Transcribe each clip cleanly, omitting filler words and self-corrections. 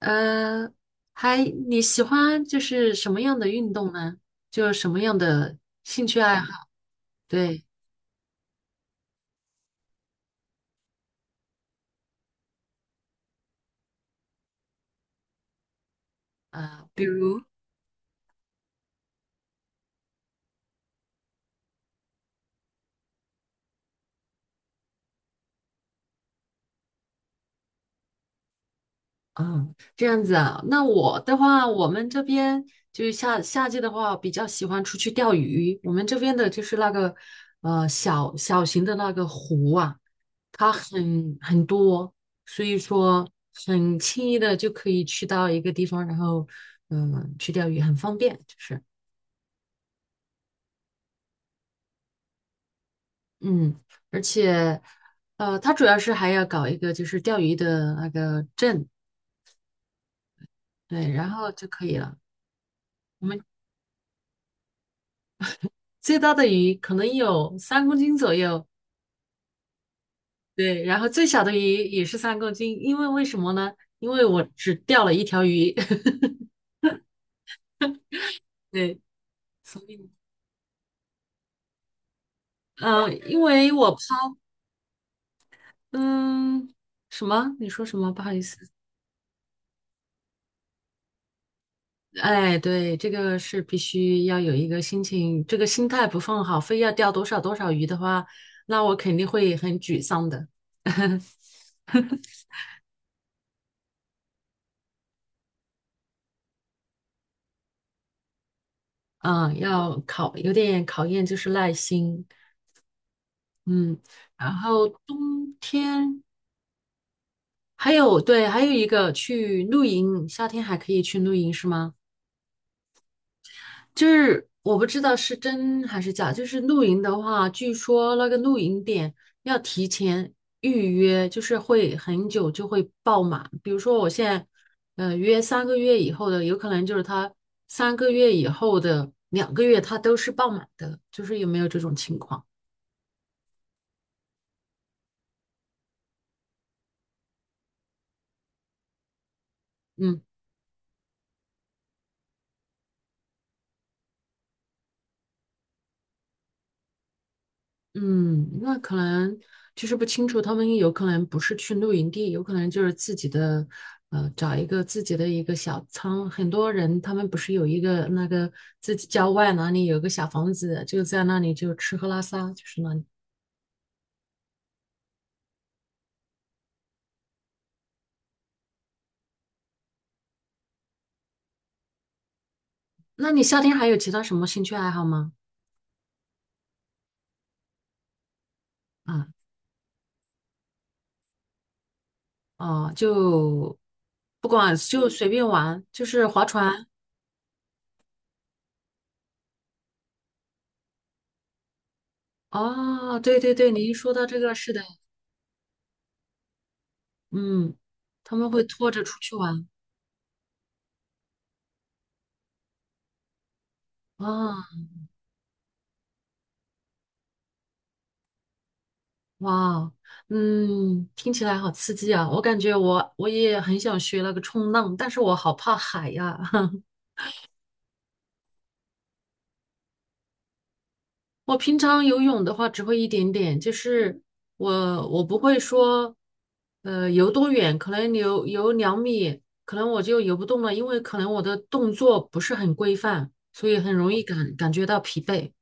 呃，还你喜欢就是什么样的运动呢？就什么样的兴趣爱好？对，啊，比如，嗯，这样子啊。那我的话，我们这边就是夏季的话，比较喜欢出去钓鱼。我们这边的就是那个小型的那个湖啊，它很多，所以说很轻易的就可以去到一个地方，然后去钓鱼，很方便，就是。嗯，而且，他主要是还要搞一个就是钓鱼的那个证，对，然后就可以了。我们最大的鱼可能有三公斤左右，对，然后最小的鱼也是三公斤，因为为什么呢？因为我只钓了一条鱼。对，所以，嗯，因为我抛，嗯，什么？你说什么？不好意思。哎，对，这个是必须要有一个心情，这个心态不放好，非要钓多少多少鱼的话，那我肯定会很沮丧的。嗯，有点考验就是耐心。嗯，然后冬天还有，对，还有一个去露营，夏天还可以去露营是吗？就是我不知道是真还是假，就是露营的话，据说那个露营点要提前预约，就是会很久就会爆满。比如说我现在，约三个月以后的，有可能就是他三个月以后的2个月，他都是爆满的，就是有没有这种情况？嗯。嗯，那可能就是不清楚，他们有可能不是去露营地，有可能就是自己的，找一个自己的一个小仓。很多人他们不是有一个那个自己郊外哪里有个小房子，就在那里就吃喝拉撒，就是那里。那你夏天还有其他什么兴趣爱好吗？啊、哦，就不管就随便玩，就是划船。哦，对对对，你一说到这个，是的。嗯，他们会拖着出去玩。哦。哇，嗯，听起来好刺激啊！我感觉我也很想学那个冲浪，但是我好怕海呀。我平常游泳的话只会一点点，就是我不会说，游多远，可能游2米，可能我就游不动了，因为可能我的动作不是很规范，所以很容易感觉到疲惫。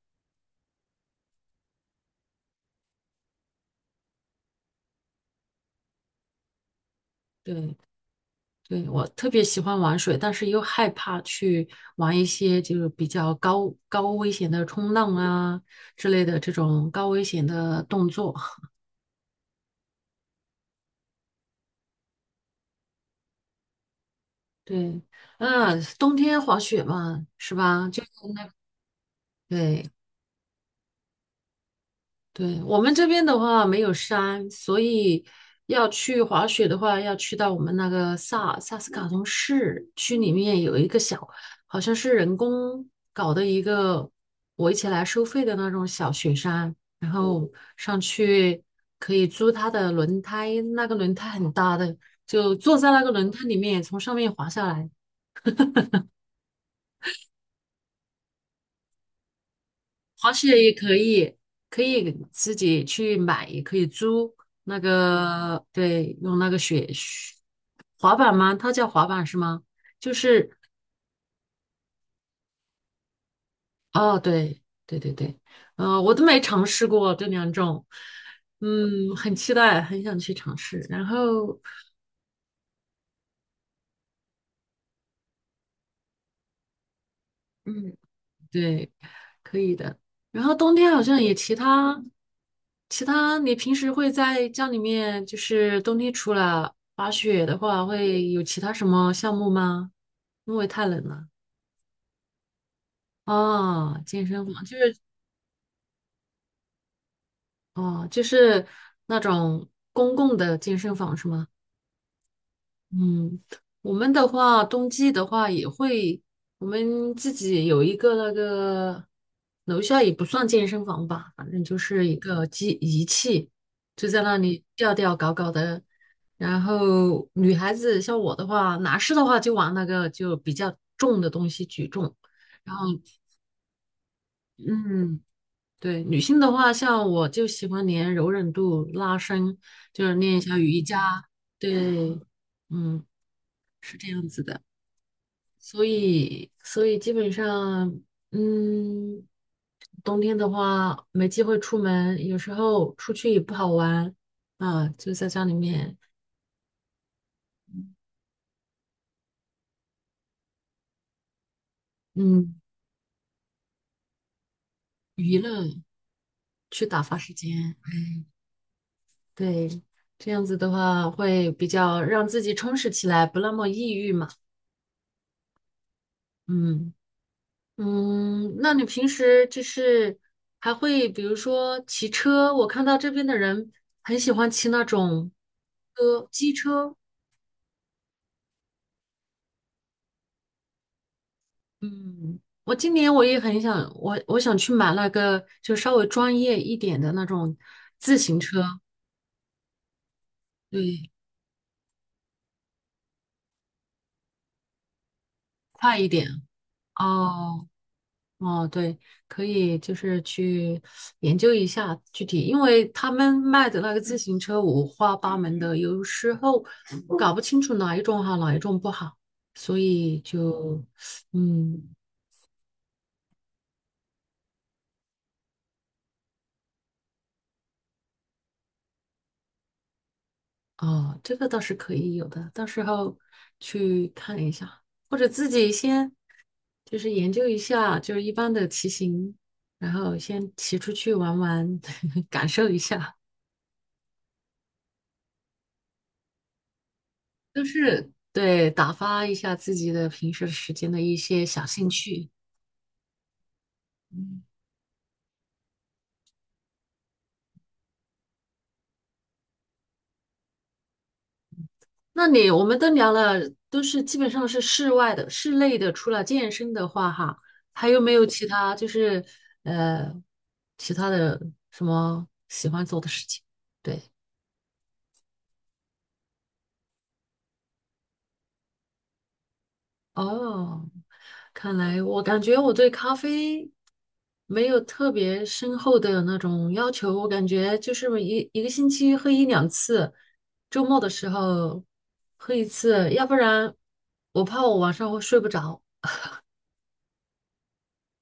对，对，我特别喜欢玩水，但是又害怕去玩一些就是比较高危险的冲浪啊之类的这种高危险的动作。对，嗯，冬天滑雪嘛，是吧？就对，对，我们这边的话没有山，所以要去滑雪的话，要去到我们那个萨斯卡通市区里面有一个小，好像是人工搞的一个围起来收费的那种小雪山，然后上去可以租它的轮胎，那个轮胎很大的，就坐在那个轮胎里面从上面滑下来。滑雪也可以，可以自己去买，也可以租那个，对，用那个雪滑板吗？它叫滑板是吗？就是，哦，对，对对对。我都没尝试过这两种。嗯，很期待，很想去尝试。然后，嗯，对，可以的。然后冬天好像也其他，你平时会在家里面，就是冬天除了滑雪的话，会有其他什么项目吗？因为太冷了。哦，健身房就是。哦，就是那种公共的健身房是吗？嗯，我们的话，冬季的话也会，我们自己有一个那个楼下也不算健身房吧，反正就是一个机仪器，就在那里吊吊搞搞的。然后女孩子像我的话，男士的话就玩那个就比较重的东西举重，然后嗯，对，女性的话，像我就喜欢练柔韧度、拉伸，就是练一下瑜伽。对，嗯，是这样子的。所以基本上，嗯，冬天的话没机会出门，有时候出去也不好玩啊，就在家里面，嗯，娱乐去打发时间。对，这样子的话会比较让自己充实起来，不那么抑郁嘛。嗯那你平时就是还会比如说骑车，我看到这边的人很喜欢骑那种车，机车。嗯，我今年我也很想，我想去买那个就稍微专业一点的那种自行车，对，快一点。哦哦，对，可以就是去研究一下具体，因为他们卖的那个自行车五花八门的，有时候搞不清楚哪一种好，哪一种不好，所以就嗯，哦，这个倒是可以有的，到时候去看一下，或者自己先就是研究一下，就是一般的骑行，然后先骑出去玩玩，感受一下，就是对打发一下自己的平时时间的一些小兴趣。那你我们都聊了，都是基本上是室外的、室内的。除了健身的话，哈，还有没有其他就是呃其他的什么喜欢做的事情？对，哦，看来我感觉我对咖啡没有特别深厚的那种要求，我感觉就是一个星期喝一两次，周末的时候喝一次，要不然我怕我晚上会睡不着。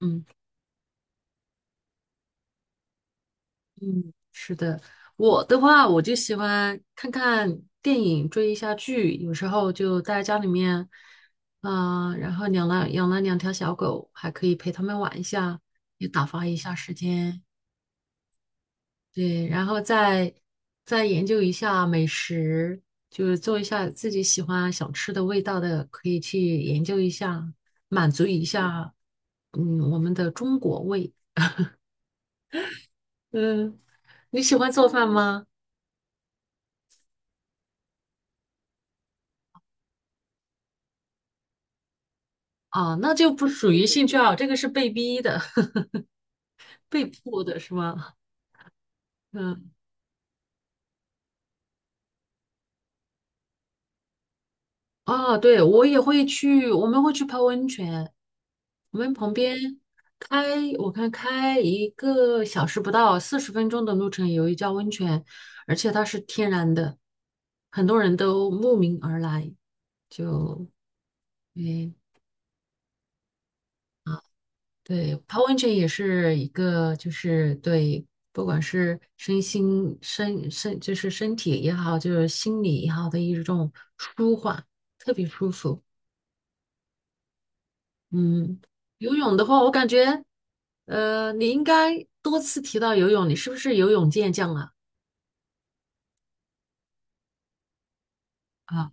嗯。嗯，是的，我的话我就喜欢看看电影，追一下剧，有时候就待在家里面，然后养了两条小狗，还可以陪它们玩一下，也打发一下时间。对，然后再研究一下美食，就是做一下自己喜欢想吃的味道的，可以去研究一下，满足一下，嗯，我们的中国胃。嗯，你喜欢做饭吗？啊，那就不属于兴趣爱好，这个是被逼的、被迫的，是吗？嗯，啊，对，我也会去，我们会去泡温泉。我们旁边开，我看开1个小时不到，40分钟的路程有一家温泉，而且它是天然的，很多人都慕名而来，就，嗯，对泡温泉也是一个，就是对，不管是身心身身，就是身体也好，就是心理也好的一种舒缓，特别舒服。嗯，游泳的话，我感觉，你应该多次提到游泳，你是不是游泳健将啊？啊，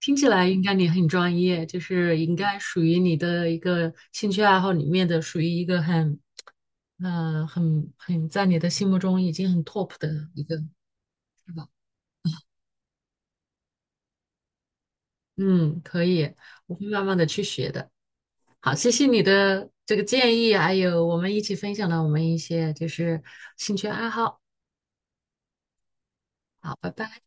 听起来应该你很专业，就是应该属于你的一个兴趣爱好里面的，属于一个很，很在你的心目中已经很 top 的一个，是吧？嗯，可以，我会慢慢的去学的。好，谢谢你的这个建议，还有我们一起分享了我们一些就是兴趣爱好。好，拜拜。